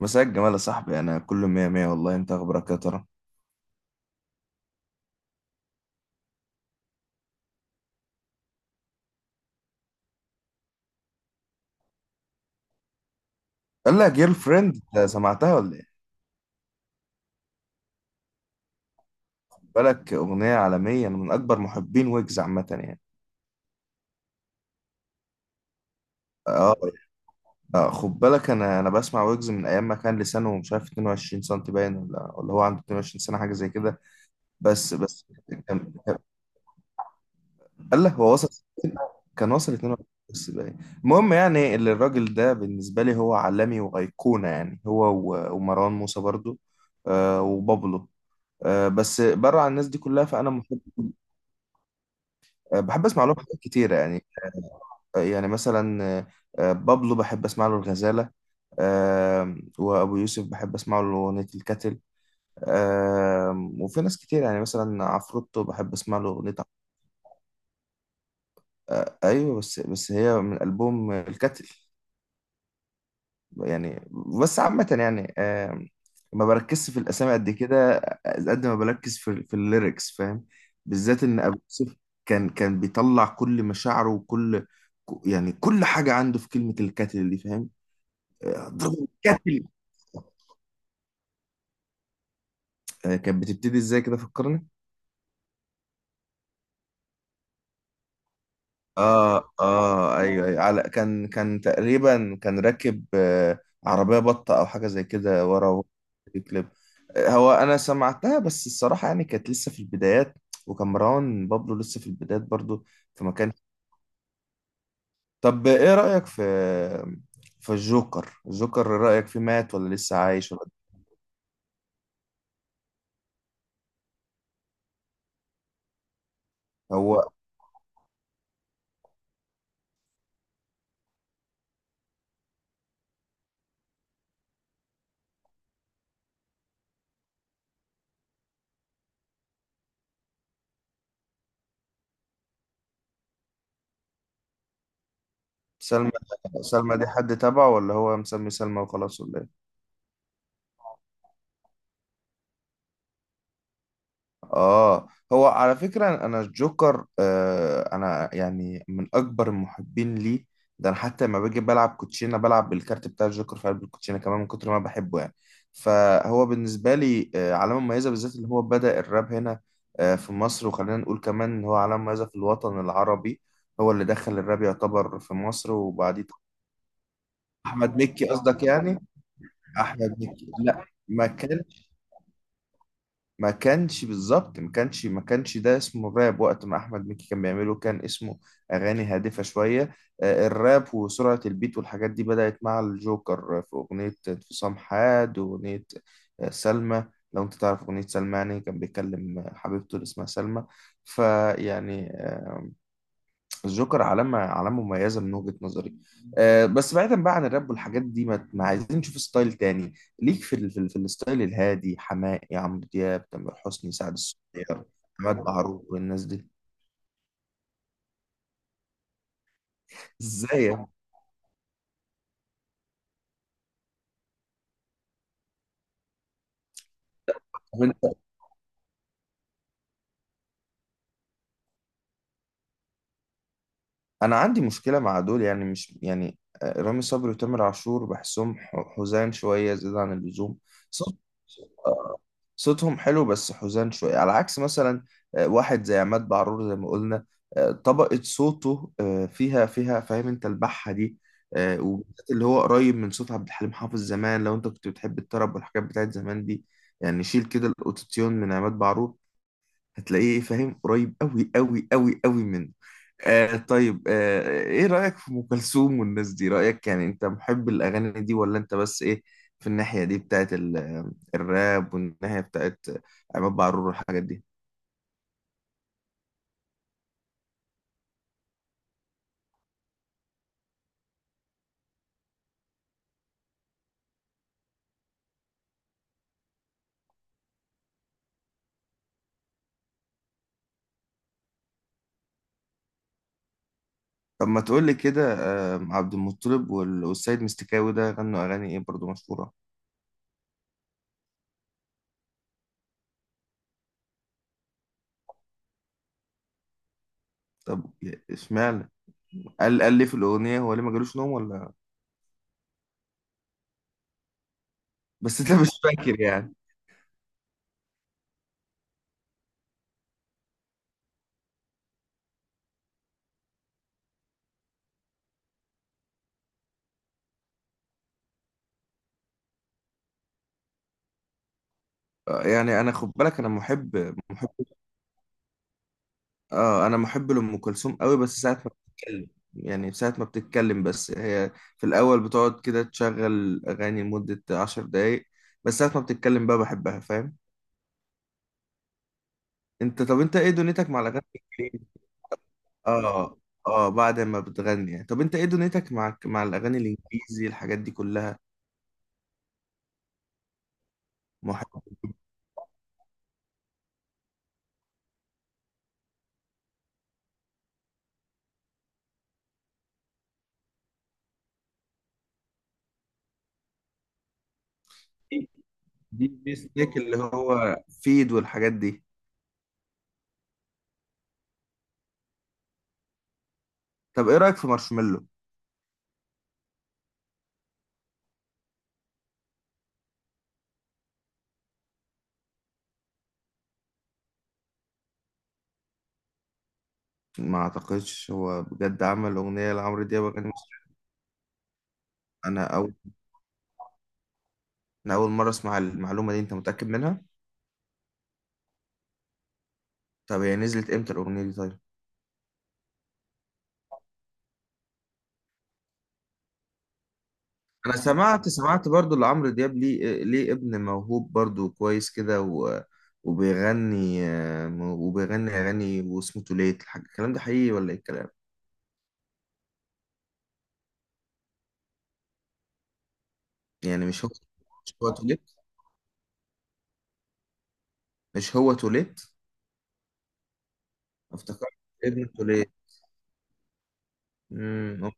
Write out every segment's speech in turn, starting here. مساء الجمال يا صاحبي، انا كله مية مية والله. انت اخبارك يا ترى؟ قال لك جيرل فريند، أنت سمعتها ولا ايه؟ خد بالك اغنيه عالميه، انا من اكبر محبين ويجز عامه يعني. اه. خد بالك انا بسمع ويجز من ايام ما كان لسانه مش عارف 22 سم باين، ولا هو عنده 22 سنه حاجه زي كده. بس كان كان- قال لك هو وصل ستين، كان وصل 22 بس باين. المهم يعني اللي الراجل ده بالنسبه لي هو عالمي وايقونه يعني هو، ومروان موسى برضو. وبابلو. بس بره عن الناس دي كلها فانا محب. بحب اسمع لهم حاجات كتيره يعني. آه، يعني مثلا آه، آه، بابلو بحب اسمع له الغزاله. وابو يوسف بحب اسمع له اغنيه الكتل. وفي ناس كتير يعني مثلا عفروتو بحب اسمع له ايوه. بس هي من البوم الكتل يعني. بس عامة يعني، ما بركزش في الأسامي قد كده. قد ما بركز في الليركس فاهم؟ بالذات إن أبو يوسف كان بيطلع كل مشاعره وكل، يعني كل حاجة عنده في كلمة الكاتل دي فاهم. ضرب الكاتل. كانت بتبتدي إزاي كده؟ فكرني. أيوه أيوه، على كان تقريبا كان راكب، عربية بطة أو حاجة زي كده ورا في كليب. هو انا سمعتها بس الصراحه يعني كانت لسه في البدايات، وكان مروان بابلو لسه في البدايات برضو. فما كان. طب ايه رايك في الجوكر؟ الجوكر رايك فيه مات ولا لسه عايش ولا؟ هو سلمى، سلمى دي حد تبعه، ولا هو مسمي سلمى وخلاص، ولا إيه؟ اه. هو على فكرة انا الجوكر آه انا يعني من اكبر المحبين ليه. ده انا حتى لما باجي بلعب كوتشينة بلعب بالكارت بتاع الجوكر في قلب الكوتشينة كمان من كتر ما أنا بحبه يعني. فهو بالنسبة لي آه علامة مميزة، بالذات اللي هو بدأ الراب هنا آه في مصر، وخلينا نقول كمان ان هو علامة مميزة في الوطن العربي. هو اللي دخل الراب يعتبر في مصر وبعديه. احمد مكي قصدك يعني؟ احمد مكي لا ما كانش. بالظبط ما كانش ده اسمه الراب. وقت ما احمد مكي كان بيعمله كان اسمه اغاني هادفه شويه. الراب وسرعه البيت والحاجات دي بدات مع الجوكر في اغنيه انفصام حاد واغنيه، سلمى. لو انت تعرف اغنيه سلمى، يعني كان بيكلم حبيبته اللي اسمها سلمى. فيعني الجوكر علامة، علامة مميزة من وجهة نظري. أه بس بعيدا بقى عن الراب والحاجات دي، ما عايزين نشوف ستايل تاني ليك في الستايل الهادي، حماقي، عمرو دياب، تامر حسني، سعد الصغير، عماد معروف والناس دي. ازاي يا عم؟ انا عندي مشكله مع دول يعني، مش يعني، رامي صبري وتامر عاشور بحسهم حزان شويه زياده عن اللزوم. صوت، آه، صوتهم حلو بس حزان شويه، على عكس مثلا واحد زي عماد بعرور زي ما قلنا. طبقه صوته فيها فاهم انت؟ البحه دي، وبالذات اللي هو قريب من صوت عبد الحليم حافظ زمان، لو انت كنت بتحب الطرب والحاجات بتاعت زمان دي. يعني شيل كده الاوتوتيون من عماد بعرور هتلاقيه فاهم قريب قوي قوي قوي قوي من، آه. طيب آه ايه رأيك في ام كلثوم والناس دي؟ رأيك يعني انت محب الاغاني دي، ولا انت بس ايه في الناحية دي بتاعت الراب والناحية بتاعت عماد بعرور والحاجات دي؟ طب ما تقول لي كده. آه عبد المطلب والسيد مستكاوي ده غنوا اغاني ايه برضو مشهورة؟ طب اشمعنى قال ليه في الاغنية؟ هو ليه ما جالوش نوم ولا؟ بس انت مش فاكر يعني. انا خد بالك انا محب. اه انا محب لام كلثوم قوي، بس ساعه ما بتتكلم. يعني ساعه ما بتتكلم بس هي، في الاول بتقعد كده تشغل اغاني لمده 10 دقايق، بس ساعه ما بتتكلم بقى بحبها فاهم. انت طب انت ايه دنيتك مع الاغاني الإنجليزي؟ اه. اه بعد ما بتغني يعني. طب انت ايه دنيتك مع الاغاني الانجليزي الحاجات دي كلها؟ محب. دي سنيك اللي هو فيد والحاجات دي. طب ايه رايك في مارشميلو؟ ما اعتقدش هو بجد عمل اغنيه لعمرو دياب اغاني مصرية. انا اول انا اول مره اسمع المعلومه دي. انت متاكد منها؟ طب هي نزلت امتى الاغنيه دي طيب؟ انا سمعت برضو لعمرو دياب ليه، ليه ابن موهوب برضو كويس كده و... وبيغني، وبيغني اغاني واسمه توليت الحاج. الكلام ده حقيقي ولا ايه الكلام؟ يعني مش هو، مش هو توليت؟ مش هو توليت؟ افتكرت ابن توليت. امم،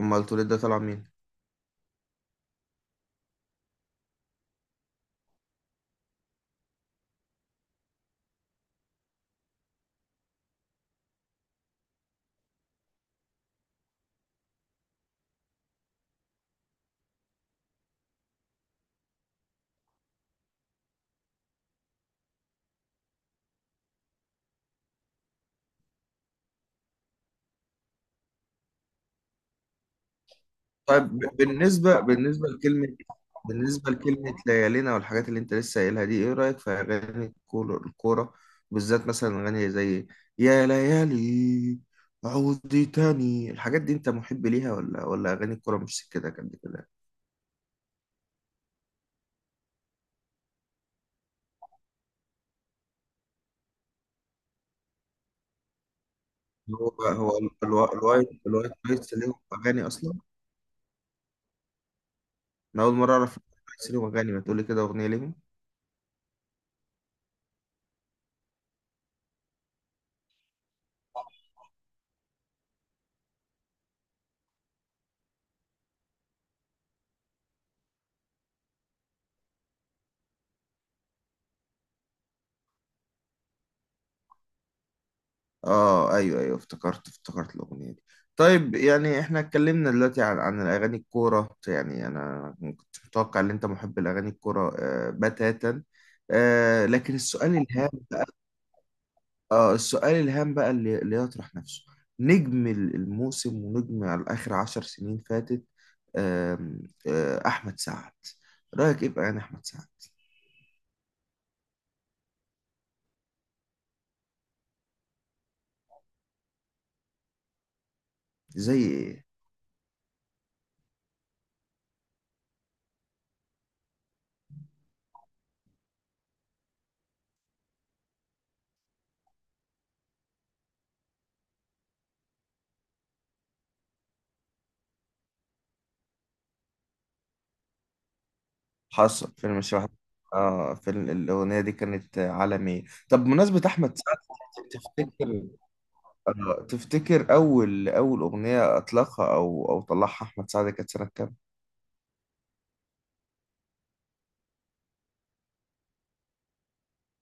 امال توليت ده طلع مين؟ طيب، بالنسبة لكلمة ليالينا والحاجات اللي انت لسه قايلها دي، ايه رأيك في اغاني الكورة؟ بالذات مثلا اغاني زي يا ليالي، عودي تاني، الحاجات دي انت محب ليها، ولا ولا اغاني الكورة مش سكتك قد كده؟ هو هو ال- الوا- الوايت الوايت نايتس ليهم اغاني اصلا؟ انا اول مرة اعرف الوايت نايتس ليهم اغاني. ما تقولي كده اغنية ليهم. اه ايوه ايوه، افتكرت الاغنيه دي. طيب يعني احنا اتكلمنا دلوقتي عن الاغاني الكوره، يعني انا ما كنتش متوقع ان انت محب لاغاني الكوره آه بتاتا. آه لكن السؤال الهام بقى، اه السؤال الهام بقى اللي يطرح نفسه، نجم الموسم ونجم على اخر 10 سنين فاتت، آم، آه احمد سعد. رايك ايه بقى يعني احمد سعد؟ زي ايه؟ حصل فيلم الشبح. اه فيلم الأغنية دي كانت عالمية. طب بمناسبة أحمد سعد، تفتكر تفتكر أول أغنية أطلقها أو طلعها أحمد سعد كانت سنة كام؟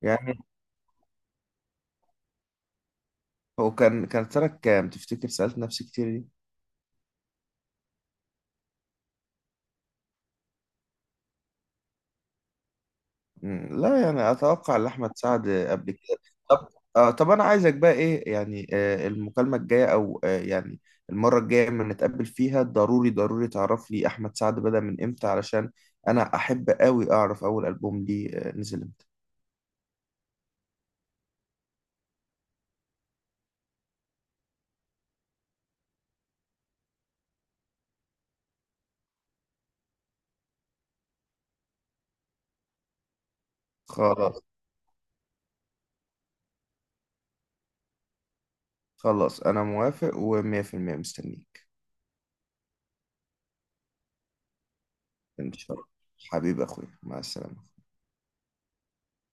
يعني هو كان كانت سنة كام؟ تفتكر سألت نفسي كتير؟ مم، لا يعني اتوقع لاحمد سعد قبل كده. طب آه، طب انا عايزك بقى ايه يعني، آه المكالمه الجايه او آه يعني المره الجايه لما نتقابل فيها، ضروري تعرف لي احمد سعد بدأ من امتى، علشان انا احب قوي اعرف اول البوم ليه آه نزل امتى. خلاص. خلاص انا موافق و100% مستنيك. ان شاء الله. حبيب اخويا، مع السلامه.